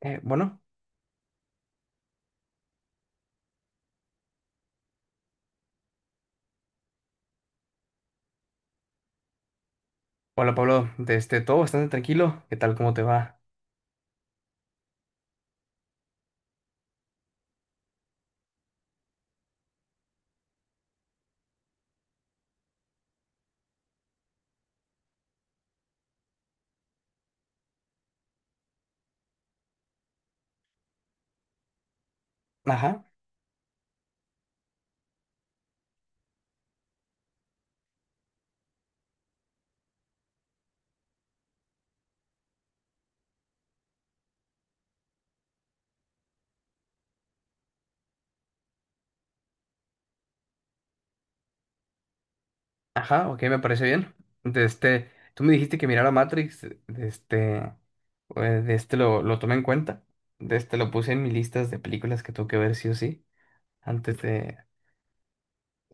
Eh, bueno, Hola Pablo, desde todo bastante tranquilo. ¿Qué tal? ¿Cómo te va? Ajá, ajá, ok, me parece bien. Desde, tú me dijiste que mirara Matrix, desde, desde lo tomé en cuenta. Desde lo puse en mis listas de películas que tengo que ver sí o sí. Antes de,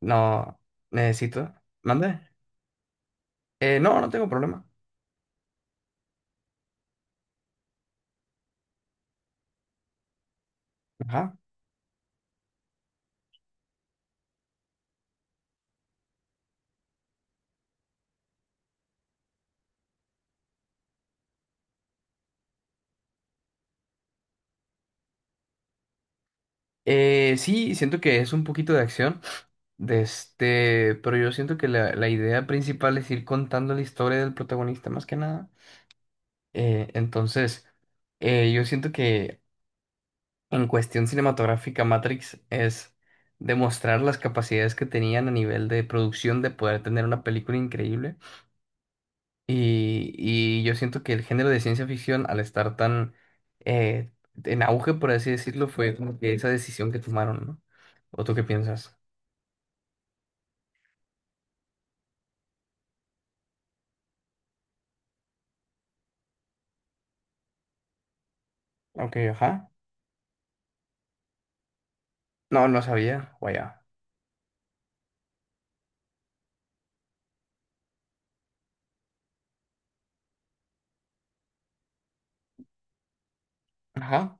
no, necesito. ¿Mande? No, no tengo problema. Ajá. Sí, siento que es un poquito de acción. De este, pero yo siento que la idea principal es ir contando la historia del protagonista más que nada. Eh, entonces, yo siento que en cuestión cinematográfica, Matrix es demostrar las capacidades que tenían a nivel de producción de poder tener una película increíble. Y yo siento que el género de ciencia ficción, al estar tan eh, en auge, por así decirlo, fue como que esa decisión que tomaron, ¿no? ¿O tú qué piensas? Ok, ajá. No, no sabía. Vaya. Ajá.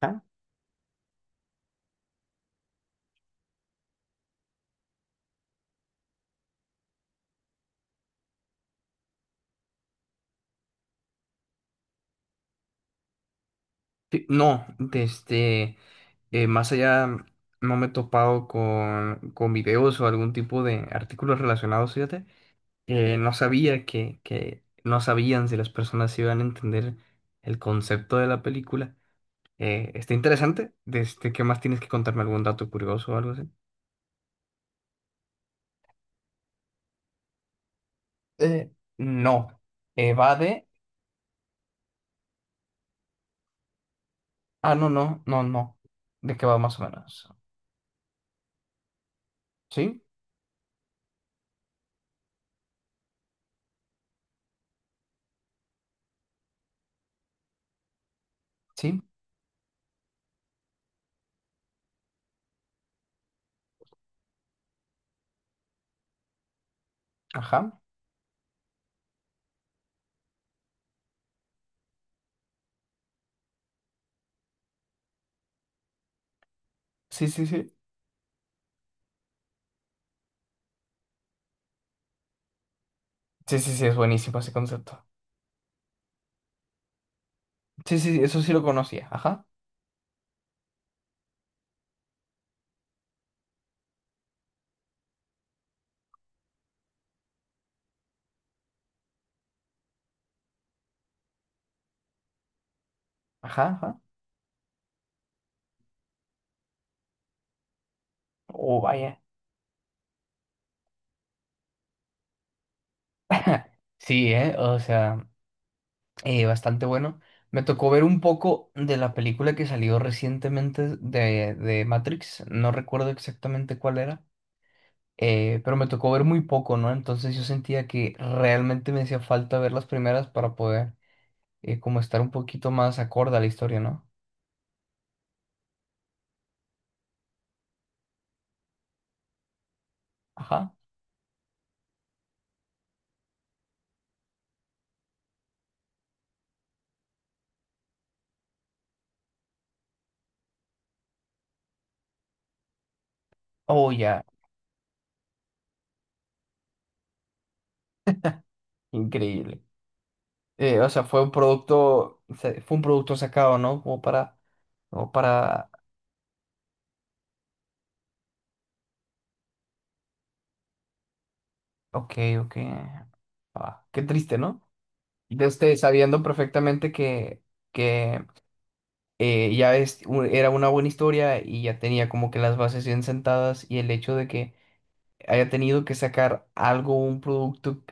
Ajá. Sí, no, desde... más allá no me he topado con videos o algún tipo de artículos relacionados, fíjate. No sabía que no sabían si las personas iban a entender el concepto de la película. Está interesante. Este, ¿qué más tienes que contarme? ¿Algún dato curioso o algo así? Eh, no, Va de... Ah, no, no, no, no. ¿De qué va más o menos? ¿Sí? ¿Sí? Ajá. Sí, sí, sí. Sí, sí, sí, es buenísimo ese concepto. Sí, sí, eso sí lo conocía. Ajá, ajá, ajá. Oh, vaya. Sí, ¿eh? O sea, bastante bueno. Me tocó ver un poco de la película que salió recientemente de Matrix. No recuerdo exactamente cuál era, pero me tocó ver muy poco, ¿no? Entonces yo sentía que realmente me hacía falta ver las primeras para poder como estar un poquito más acorde a la historia, ¿no? Ajá. Oh, ya. Increíble. O sea, fue un producto, se- fue un producto sacado, ¿no? Como para, como para ok, ok. Ah, qué triste, ¿no? De usted sabiendo perfectamente que ya es, u- era una buena historia y ya tenía como que las bases bien sentadas y el hecho de que haya tenido que sacar algo, un producto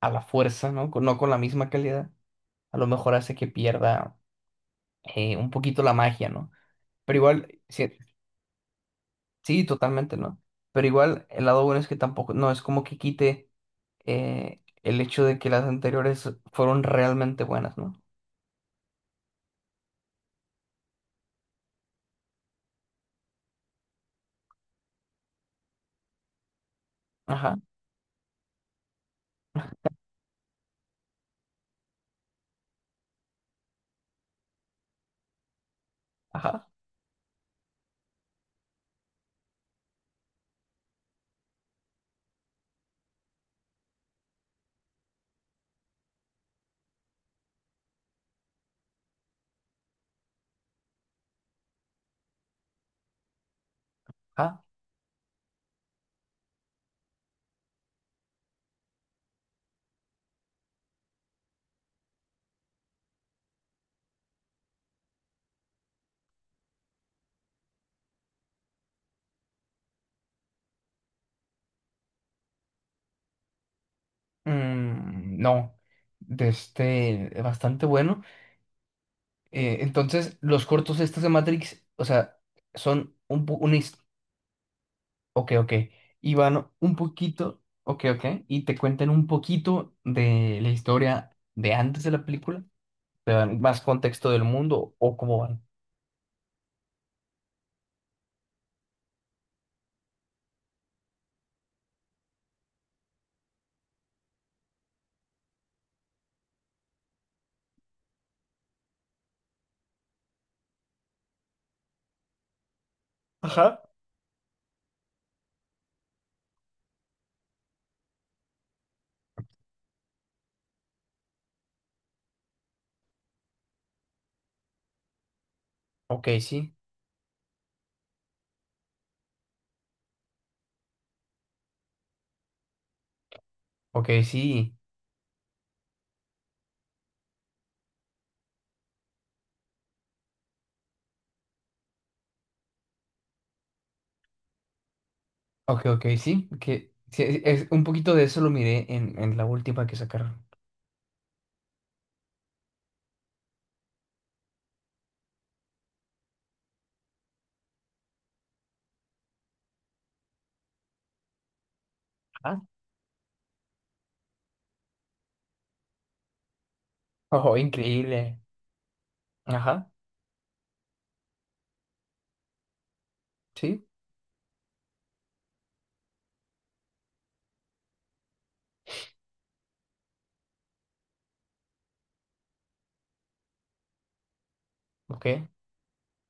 a la fuerza, ¿no? Con- no con la misma calidad, a lo mejor hace que pierda un poquito la magia, ¿no? Pero igual, sí, sí, totalmente, ¿no? Pero igual, el lado bueno es que tampoco, no es como que quite. El hecho de que las anteriores fueron realmente buenas, ¿no? Ajá, ajá, ajá. Mm, no, de este, bastante bueno. Entonces, los cortos estos de Matrix, o sea, son un, po- una, his- ok, ok, y van un poquito, ok, ok, y te cuentan un poquito de la historia de antes de la película, te dan más contexto del mundo o cómo van. Ajá. Ok, sí, ok, sí. Ok, ok, sí, que sí, es, un poquito de eso lo miré en la última que sacaron. Ah, oh, increíble. Ajá, sí, ok,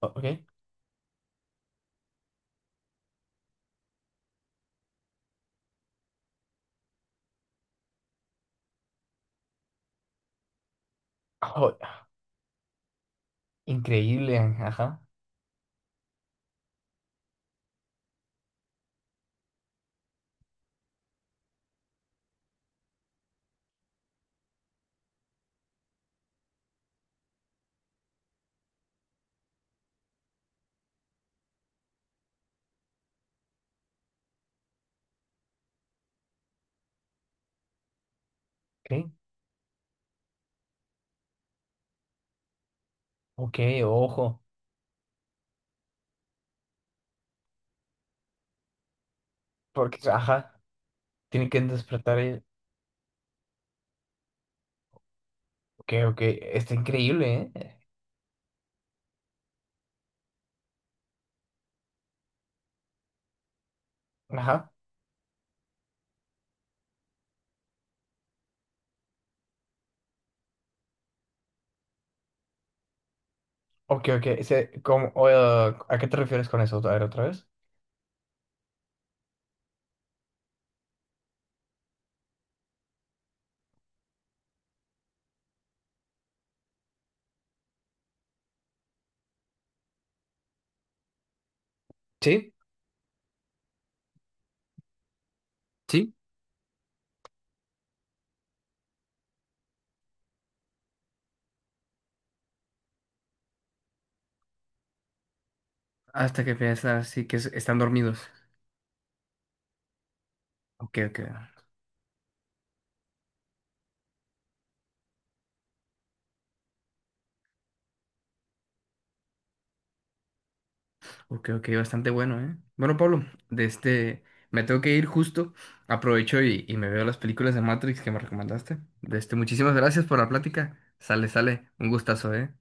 o- ok. Oh, increíble, ajá, ok, ok, ojo, porque, ajá, tienen que despertar el... Ok, ok, está increíble, ¿eh? Ajá, ok, ok, ese, como, o, ¿a qué te refieres con eso? A ver, otra vez. Sí, sí. Hasta que piensas así que es- están dormidos. Ok, ok. Ok, ok, bastante bueno, ¿eh? Bueno, Pablo, de este, me tengo que ir justo. Aprovecho y me veo las películas de Matrix que me recomendaste. De este, muchísimas gracias por la plática. Sale, sale. Un gustazo, ¿eh?